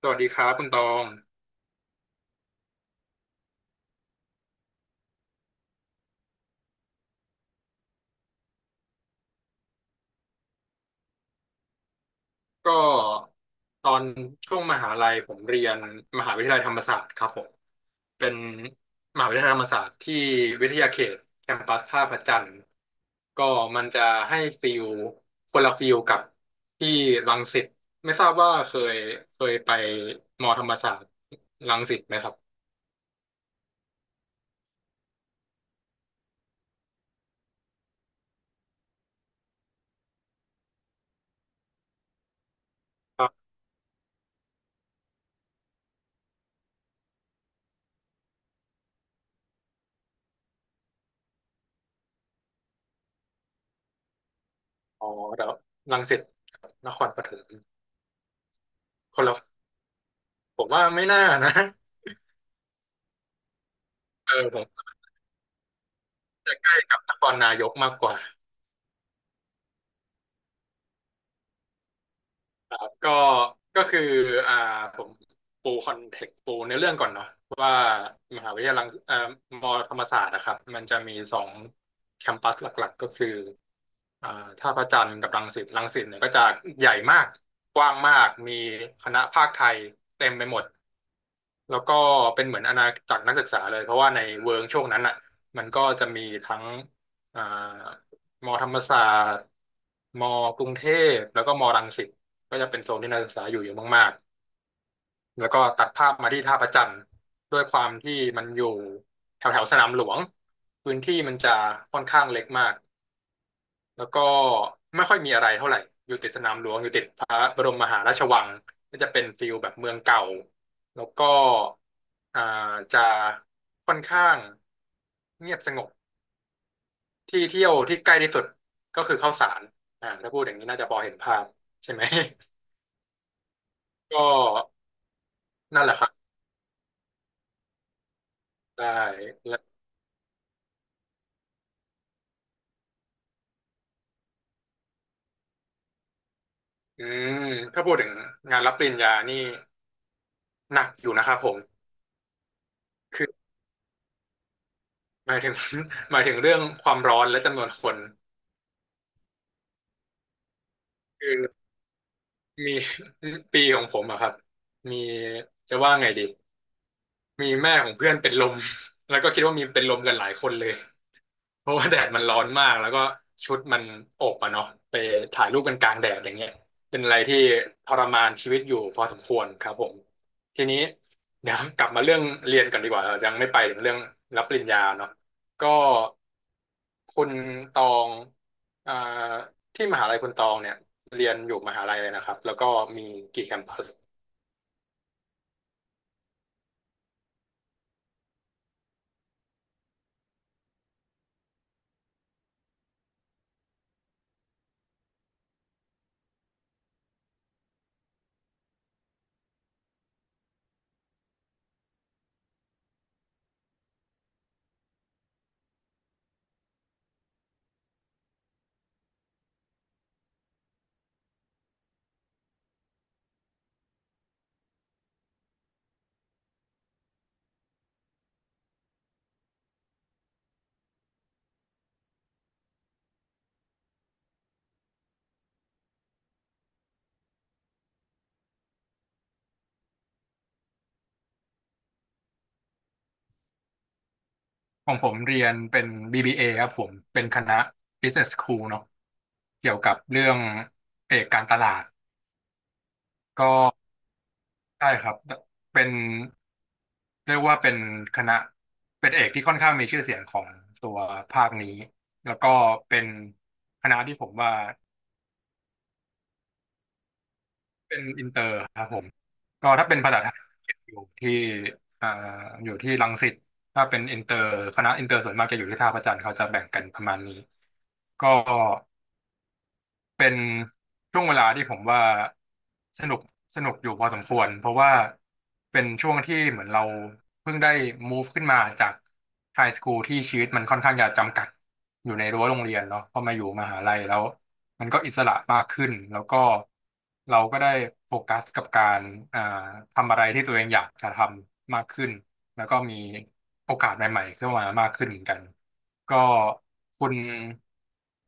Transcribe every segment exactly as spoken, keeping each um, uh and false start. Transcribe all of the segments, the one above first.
สวัสดีครับคุณตองก็ตอนช่วงมหาลัยผมเรียนมหาวิทยาลัยธรรมศาสตร์ครับผมเป็นมหาวิทยาลัยธรรมศาสตร์ที่วิทยาเขตแคมปัสท่าพระจันทร์ก็มันจะให้ฟิลคนละฟิลกับที่รังสิตไม่ทราบว่าเคยเคยไปมอธรรมศาสตร์รังสิตไหมครับครับอ๋อเดี๋ยวรังสิตนครปฐมคนละผมว่าไม่น่านะเออผมจะใกล้กับนครนายกมากกว่า ก็ก็คืออ่าผมปูคอนเทกต์ปูในเรื่องก่อนเนาะว่ามหาวิทยาลัยเอ่อมอธรรมศาสตร์นะครับมันจะมีสองแคมปัสหลักๆก็คืออ่าท่าพระจันทร์กับรังสิตรังสิตเนี่ยก็จะใหญ่มากกว้างมากมีคณะภาคไทยเต็มไปหมด แล้วก็เป็นเหมือนอาณาจักรนักศึกษาเลยเพราะว่าในเวิร์กช่วงนั้นอ่ะมันก็จะมีทั้งอ่ามอธรรมศาสตร์มอกรุงเทพแล้วก็มอรังสิตก็จะเป็นโซนที่นักศึกษาอยู่เยอะมากๆแล้วก็ตัดภาพมาที่ท่าพระจันทร์ด้วยความที่มันอยู่แถวแถวสนามหลวงพื้นที่มันจะค่อนข้างเล็กมาก แล้วก็ไม่ค่อยมีอะไรเท่าไหร่ อยู่ติดสนามหลวง อยู่ติดพระบรมมหาราชวังก็จะเป็นฟิลแบบเมืองเก่าแล้วก็อ่าจะค่อนข้างเงียบสงบที่เที่ยวที่ใกล้ที่สุดก็คือเข้าสารอ่าถ้าพูดอย่างนี้น่าจะพอเห็นภาพใช่ไหม ก็นั่นแหละครับได้และอืมถ้าพูดถึงงานรับปริญญานี่หนักอยู่นะครับผมคือหมายถึง หมายถึงเรื่องความร้อนและจำนวนคนคือ มี ปีของผมอะครับมีจะว่าไงดีมีแม่ของเพื่อนเป็นลม แล้วก็คิดว่ามีเป็นลมกันหลายคนเลย เพราะว่าแดดมันร้อนมากแล้วก็ชุดมันอบอะเนาะไปถ่ายรูปกันกลางแดดอย่างเงี้ยเป็นอะไรที่ทรมานชีวิตอยู่พอสมควรครับผมทีนี้เดี๋ยวกลับมาเรื่องเรียนกันดีกว่าเรายังไม่ไปถึงเรื่องรับปริญญาเนาะก็คุณตองอ่าที่มหาลัยคุณตองเนี่ยเรียนอยู่มหาลัยเลยนะครับแล้วก็มีกี่แคมปัสของผมเรียนเป็น บี บี เอ ครับผมเป็นคณะ Business School เนาะเกี่ยวกับเรื่องเอกการตลาด ก็ใช่ครับเป็นเรียกว่าเป็นคณะเป็นเอกที่ค่อนข้างมีชื่อเสียงของตัวภาคนี้แล้วก็เป็นคณะที่ผมว่าเป็นอินเตอร์ครับผมก็ถ้าเป็นภาษาไทยอยู่ที่อ่าอยู่ที่รังสิตถ้าเป็นอินเตอร์คณะอินเตอร์ส่วนมากจะอยู่ที่ท่าพระจันทร์เขาจะแบ่งกันประมาณนี้ก็ เป็นช่วงเวลาที่ผมว่าสนุกสนุกอยู่พอสมควรเพราะว่าเป็นช่วงที่เหมือนเราเพิ่งได้ move ขึ้นมาจากไฮสคูลที่ชีวิตมันค่อนข้างจะจำกัดอยู่ในรั้วโรงเรียนเนาะพอมาอยู่มหาลัยแล้วมันก็อิสระมากขึ้นแล้วก็เราก็ได้โฟกัสกับการอ่าทำอะไรที่ตัวเองอยากจะทำมากขึ้นแล้วก็มีโอกาสใหม่ๆเข้ามามากขึ้นเหมือนกันก็คุณ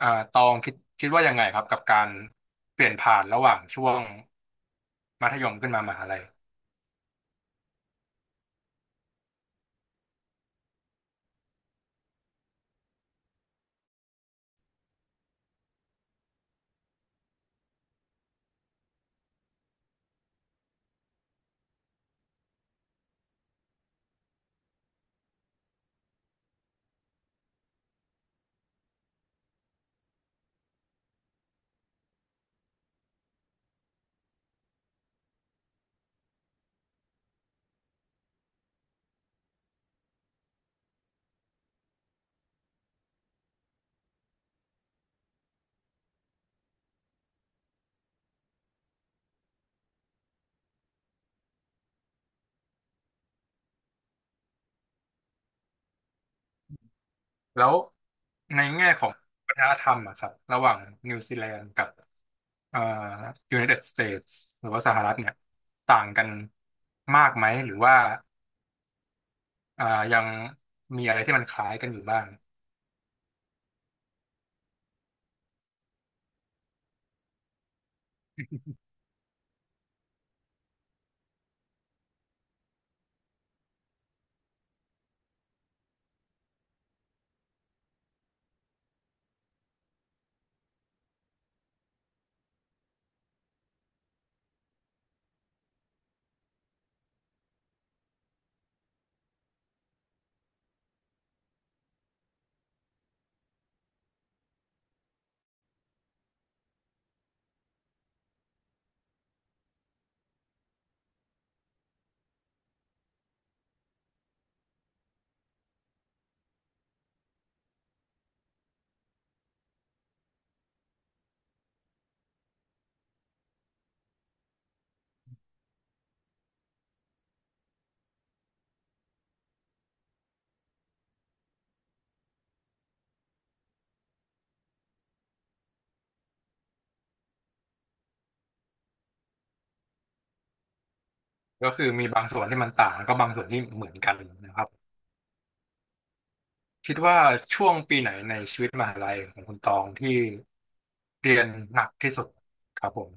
อ่าตองคิดคิดว่ายังไงครับกับการเปลี่ยนผ่านระหว่างช่วงมัธยมขึ้นมามหาลัยแล้วในแง่ของวัฒนธรรมอะครับระหว่างนิวซีแลนด์กับอ่า United States หรือว่าสหรัฐเนี่ยต่างกันมากไหมหรือว่าอ่ายังมีอะไรที่มันคล้ายกันอยู่บ้างก็คือมีบางส่วนที่มันต่างแล้วก็บางส่วนที่เหมือนกันนะครับ คิดว่าช่วงปีไหนในชีวิตมหาลัยของคุณตองที่เรียนหนักที่สุดครับผม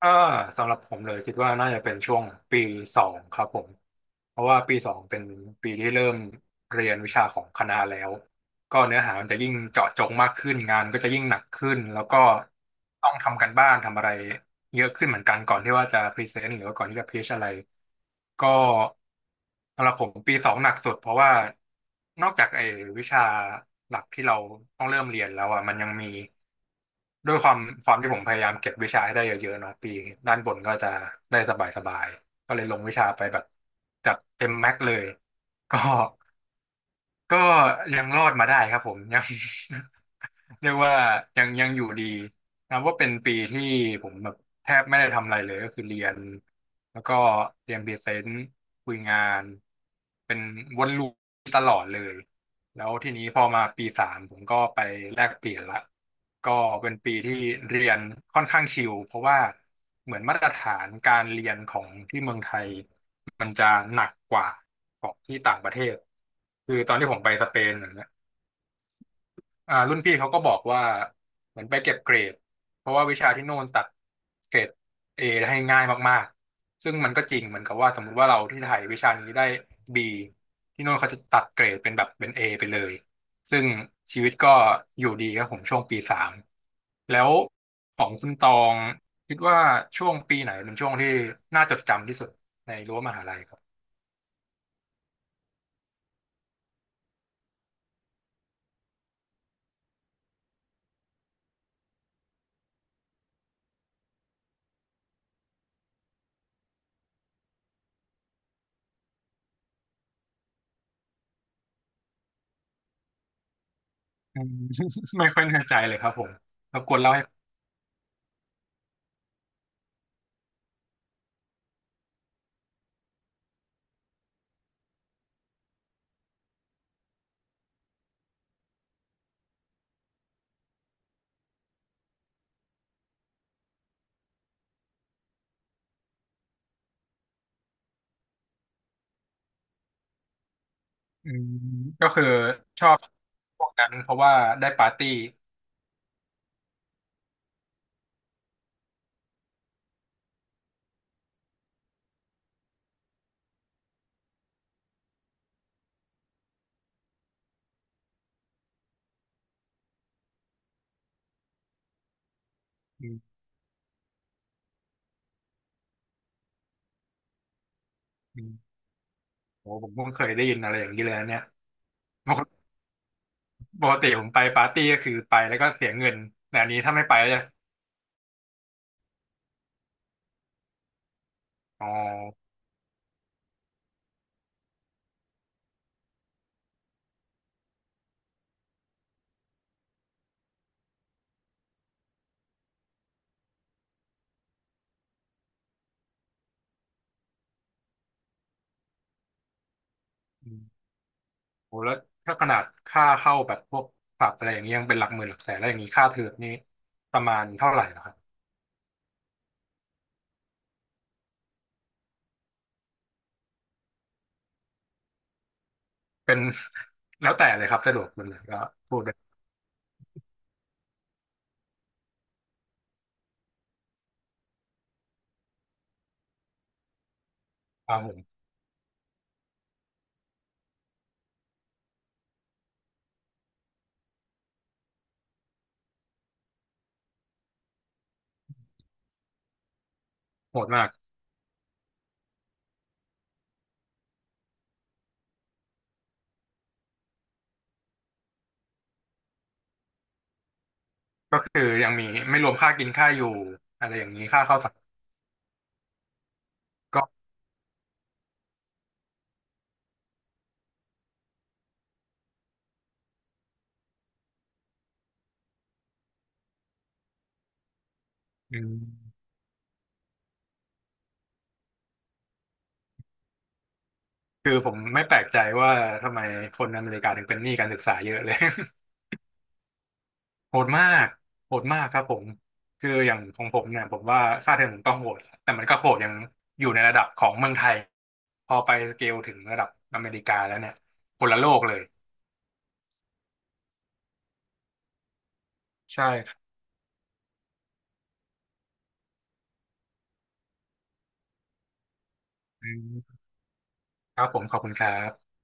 กาสำหรับผมเลยคิดว่าน่าจะเป็นช่วงปีสองครับผมเพราะว่าปีสองเป็นปีที่เริ่มเรียนวิชาของคณะแล้วก็เนื้อหามันจะยิ่งเจาะจงมากขึ้นงานก็จะยิ่งหนักขึ้นแล้วก็ต้องทำกันบ้านทำอะไรเยอะขึ้นเหมือนกันก่อนที่ว่าจะพรีเซนต์หรือว่าก่อนที่จะพิชอะไรก็สำหรับผมปีสองหนักสุดเพราะว่านอกจากไอ้วิชาหลักที่เราต้องเริ่มเรียนแล้วอ่ะมันยังมี ด้วยความความที่ผมพยายามเก็บวิชาให้ได้เยอะๆเนาะปีด้านบนก็จะได้สบายๆก็เลยลงวิชาไปแบบจัดเต็มแม็กเลยก็ ก็ยังรอดมาได้ครับผม ยัง เรียกว่ายังยังอยู่ดีนะว่าเป็นปีที่ผมแบบแทบไม่ได้ทำอะไรเลยก็คือเรียนแล้วก็เรียนพรีเซนต์คุยงานเป็นวนลูปตลอดเลยแล้วทีนี้พอมาปีสามผมก็ไปแลกเปลี่ยนละก็เป็นปีที่เรียนค่อนข้างชิลเพราะว่าเหมือนมาตรฐานการเรียนของที่เมืองไทย มันจะหนักกว่าของที่ต่างประเทศ คือตอนที่ผมไปสเปนอย่างเงี้ยอ่ารุ่นพี่เขาก็บอกว่าเหมือนไปเก็บเกรดเพราะว่าวิชาที่โน่นตัดเกรดเอให้ง่ายมากๆ ซึ่งมันก็จริงเหมือนกับว่าสมมุติว่าเราที่ไทยวิชานี้ได้บีที่โน่นเขาจะตัดเกรดเป็นแบบเป็นเอไปเลย ซึ่งชีวิตก็อยู่ดีครับผมช่วงปีสามแล้วของคุณตองคิดว่าช่วงปีไหนเป็นช่วงที่น่าจดจำที่สุดในรั้วมหาลัยครับ อืม ไม่ค่อยแน่ใจเลยครับผมรบกวนเล่าให้อืมก็คือชอบพวกนั้นเพราะว่าได้ปาร์ตี้อืมอืมโหผมเพิ่งเคยได้ยินอะไรอย่างนี้เลยนะเนี่ยปกติปกติผมไปปาร์ตี้ก็คือไปแล้วก็เสียเงินแต่อันนี้ถ้าไม่ไปก็จะอ๋ออืมโหแล้วถ้าขนาดค่าเข้าแบบพวกผับอะไรอย่างนี้ยังเป็นหลักหมื่นหลักแสนแล้วอย่างนี้ค่าเทอมนี่ประมาณเท่าไหร่เหรอครับเป็น แล้วแต่เลยครับสะดวกแบบไหนก็พูดได้ครับผมโหดมาก ก็คือยังมีไม่รวมค่ากินค่าอยู่อะไรอย่างนี้ค่าข้าวสงคมก็อืมคือผมไม่แปลกใจว่าทำไมคนอเมริกาถึงเป็นหนี้การศึกษาเยอะเลย โหดมากโหดมากครับผมคืออย่างของผมเนี่ยผมว่าค่าเทอมผมก็โหดแต่มันก็โหดยังอยู่ในระดับของเมืองไทยพอไปสเกลถึงระดับอเมริกาแล้วเนี่ยคนละโลกเลยใช่ครับอืมครับผมขอบคุณครับ